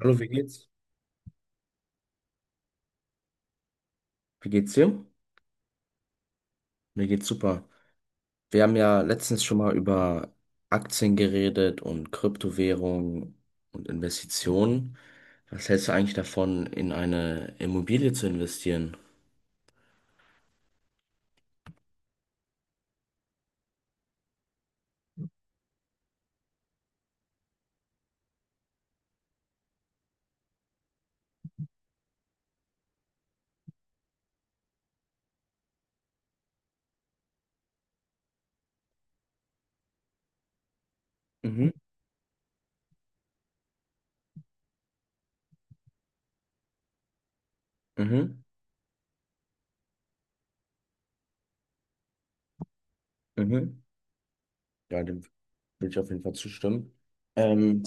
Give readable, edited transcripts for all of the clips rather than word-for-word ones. Hallo, wie geht's? Wie geht's dir? Mir geht's super. Wir haben ja letztens schon mal über Aktien geredet und Kryptowährungen und Investitionen. Was hältst du eigentlich davon, in eine Immobilie zu investieren? Mhm. Mhm. Mhm. Ja, dem würde ich auf jeden Fall zustimmen. Ähm,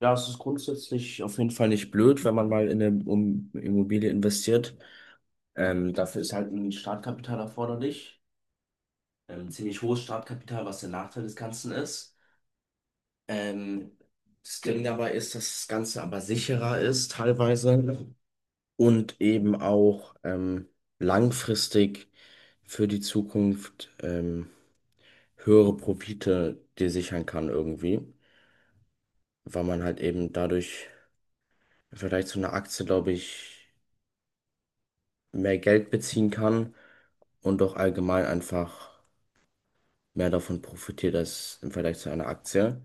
ja, es ist grundsätzlich auf jeden Fall nicht blöd, wenn man mal in eine um Immobilie investiert. Dafür ist halt ein Startkapital erforderlich. Ziemlich hohes Startkapital, was der Nachteil des Ganzen ist. Ähm, Das Ding dabei ist, dass das Ganze aber sicherer ist teilweise und eben auch langfristig für die Zukunft höhere Profite dir sichern kann irgendwie, weil man halt eben dadurch im Vergleich zu einer Aktie, glaube ich, mehr Geld beziehen kann und auch allgemein einfach mehr davon profitiert als im Vergleich zu einer Aktie.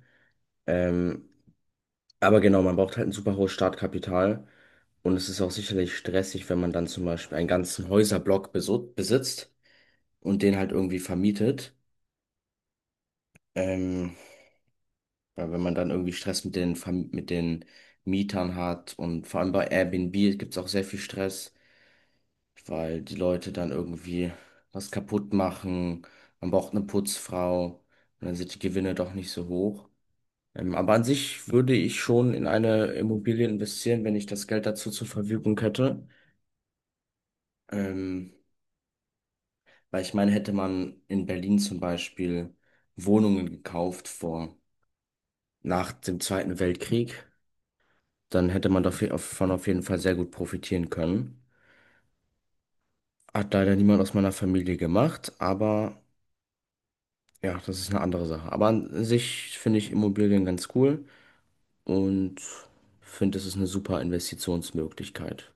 Ähm, aber genau, man braucht halt ein super hohes Startkapital. Und es ist auch sicherlich stressig, wenn man dann zum Beispiel einen ganzen Häuserblock besitzt und den halt irgendwie vermietet. Ähm, Weil wenn man dann irgendwie Stress mit mit den Mietern hat und vor allem bei Airbnb gibt es auch sehr viel Stress, weil die Leute dann irgendwie was kaputt machen. Man braucht eine Putzfrau und dann sind die Gewinne doch nicht so hoch. Aber an sich würde ich schon in eine Immobilie investieren, wenn ich das Geld dazu zur Verfügung hätte. Ähm, Weil ich meine, hätte man in Berlin zum Beispiel Wohnungen nach dem Zweiten Weltkrieg, dann hätte man davon auf jeden Fall sehr gut profitieren können. Hat leider niemand aus meiner Familie gemacht, aber ja, das ist eine andere Sache. Aber an sich finde ich Immobilien ganz cool und finde, es ist eine super Investitionsmöglichkeit.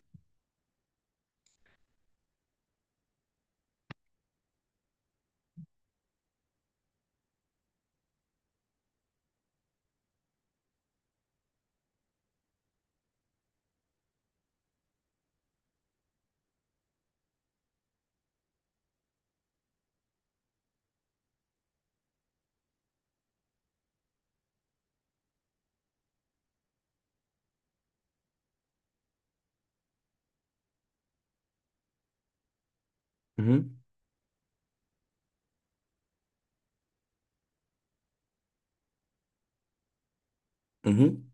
Mhm. Mhm.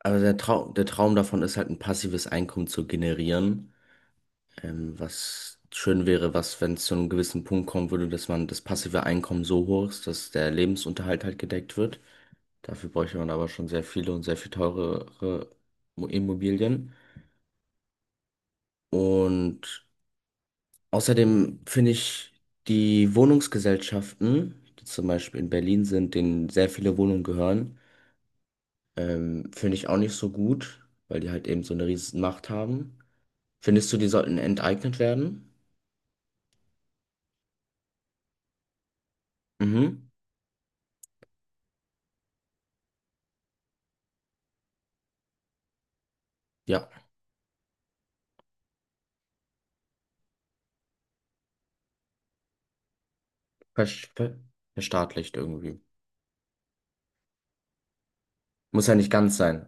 Aber der Trau der Traum davon ist halt, ein passives Einkommen zu generieren. Was schön wäre, was, wenn es zu einem gewissen Punkt kommen würde, dass man das passive Einkommen so hoch ist, dass der Lebensunterhalt halt gedeckt wird. Dafür bräuchte man aber schon sehr viele und sehr viel teurere Immobilien. Und außerdem finde ich die Wohnungsgesellschaften, die zum Beispiel in Berlin sind, denen sehr viele Wohnungen gehören, finde ich auch nicht so gut, weil die halt eben so eine riesen Macht haben. Findest du, die sollten enteignet werden? Mhm. Ja. Versch- ver- Verstaatlicht irgendwie. Muss ja nicht ganz sein.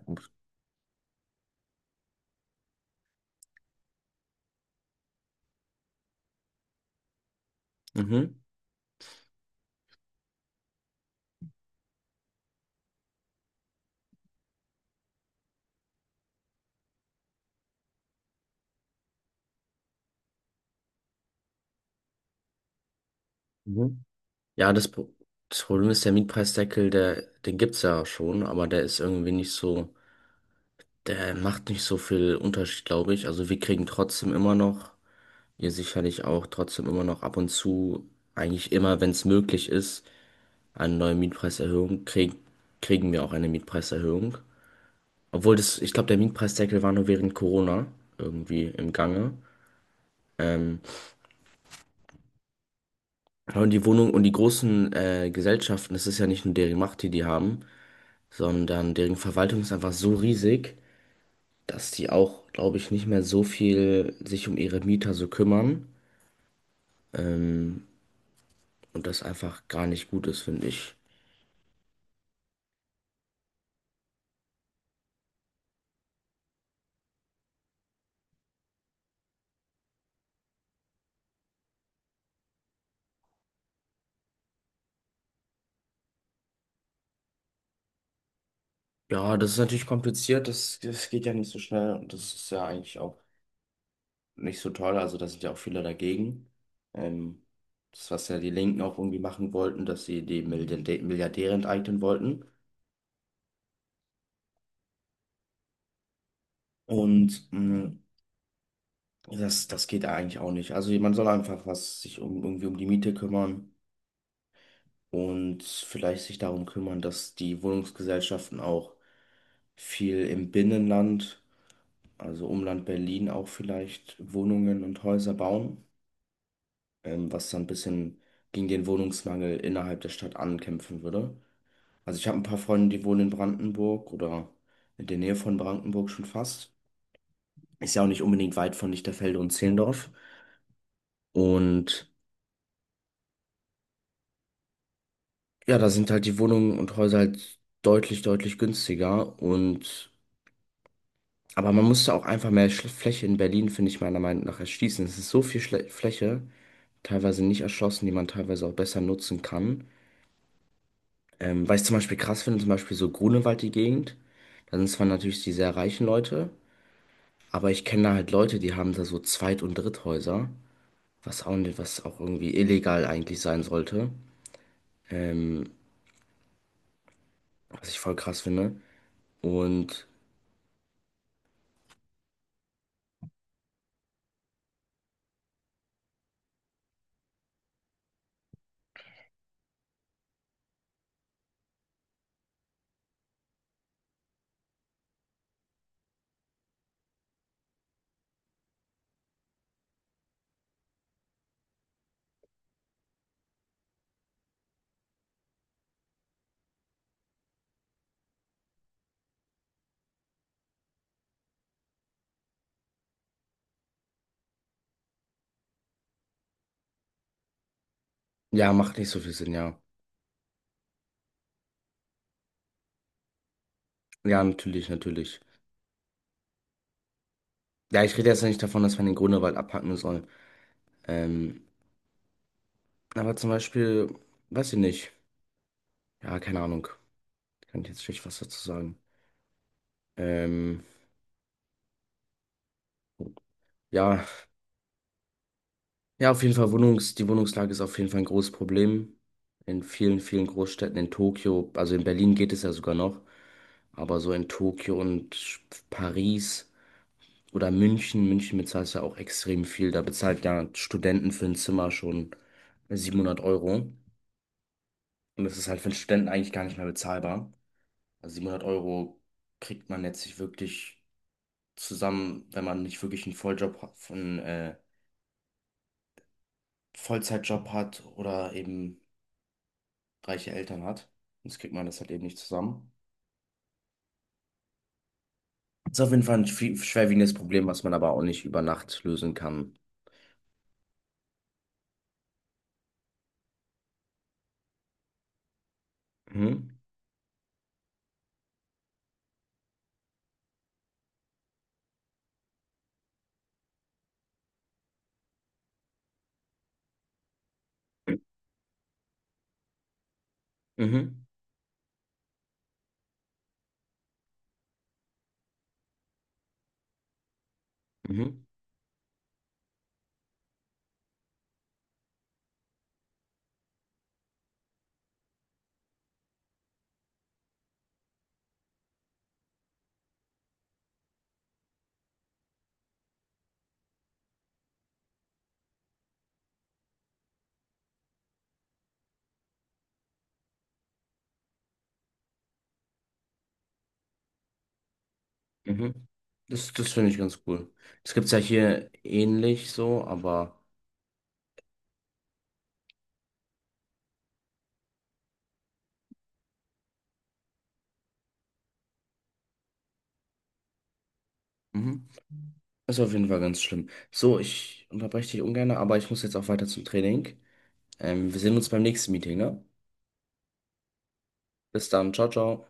Mhm. Mhm. Ja, das, Pro- Das Problem ist, der Mietpreisdeckel, der, den gibt's ja schon, aber der ist irgendwie nicht so, der macht nicht so viel Unterschied, glaube ich. Also wir kriegen trotzdem immer noch, ihr sicherlich auch, trotzdem immer noch ab und zu, eigentlich immer, wenn es möglich ist, eine neue kriegen wir auch eine Mietpreiserhöhung. Obwohl das, ich glaube, der Mietpreisdeckel war nur während Corona irgendwie im Gange. Ähm, Ja. Und die großen Gesellschaften, das ist ja nicht nur deren Macht, die die haben, sondern deren Verwaltung ist einfach so riesig, dass die auch, glaube ich, nicht mehr so viel sich um ihre Mieter so kümmern und das einfach gar nicht gut ist, finde ich. Ja, das ist natürlich kompliziert, das, das geht ja nicht so schnell und das ist ja eigentlich auch nicht so toll, also da sind ja auch viele dagegen. Ähm, Das, was ja die Linken auch irgendwie machen wollten, dass sie die Milliardäre enteignen wollten. Und ja, das, das geht eigentlich auch nicht. Also man soll einfach was sich um, irgendwie um die Miete kümmern und vielleicht sich darum kümmern, dass die Wohnungsgesellschaften auch viel im Binnenland, also Umland Berlin auch vielleicht Wohnungen und Häuser bauen, was dann ein bisschen gegen den Wohnungsmangel innerhalb der Stadt ankämpfen würde. Also ich habe ein paar Freunde, die wohnen in Brandenburg oder in der Nähe von Brandenburg schon fast. Ist ja auch nicht unbedingt weit von Lichterfelde und Zehlendorf. Und ja, da sind halt die Wohnungen und Häuser halt deutlich, deutlich günstiger und aber man musste auch einfach mehr Fläche in Berlin, finde ich meiner Meinung nach, erschließen. Es ist so viel Schle Fläche, teilweise nicht erschlossen, die man teilweise auch besser nutzen kann. Weil ich zum Beispiel krass finde, zum Beispiel so Grunewald, die Gegend, da sind zwar natürlich die sehr reichen Leute, aber ich kenne da halt Leute, die haben da so Zweit- und Dritthäuser, was auch, nicht- was auch irgendwie illegal eigentlich sein sollte, ähm, was ich voll krass finde. Und ja, macht nicht so viel Sinn, ja. Ja, natürlich, natürlich. Ja, ich rede jetzt nicht davon, dass man den Grunewald abhacken soll. Ähm, aber zum Beispiel, weiß ich nicht. Ja, keine Ahnung. Kann ich jetzt schlecht was dazu sagen. Ähm, ja, ja, auf jeden Fall die Wohnungslage ist auf jeden Fall ein großes Problem. In vielen, vielen Großstädten, in Tokio, also in Berlin geht es ja sogar noch, aber so in Tokio und Paris oder München. München bezahlt ja auch extrem viel. Da bezahlt ja Studenten für ein Zimmer schon 700 Euro. Und das ist halt für einen Studenten eigentlich gar nicht mehr bezahlbar. Also 700 € kriegt man jetzt nicht wirklich zusammen, wenn man nicht wirklich einen einen Vollzeitjob hat oder eben reiche Eltern hat. Sonst kriegt man das halt eben nicht zusammen. Ist auf jeden Fall ein schwerwiegendes Problem, was man aber auch nicht über Nacht lösen kann. Mhm. Mhm. Mhm. Mhm. Das, das finde ich ganz cool. Das gibt es ja hier ähnlich so, aber. Mhm. Ist auf jeden Fall ganz schlimm. So, ich unterbreche dich ungern, aber ich muss jetzt auch weiter zum Training. Wir sehen uns beim nächsten Meeting, ne? Bis dann, ciao, ciao.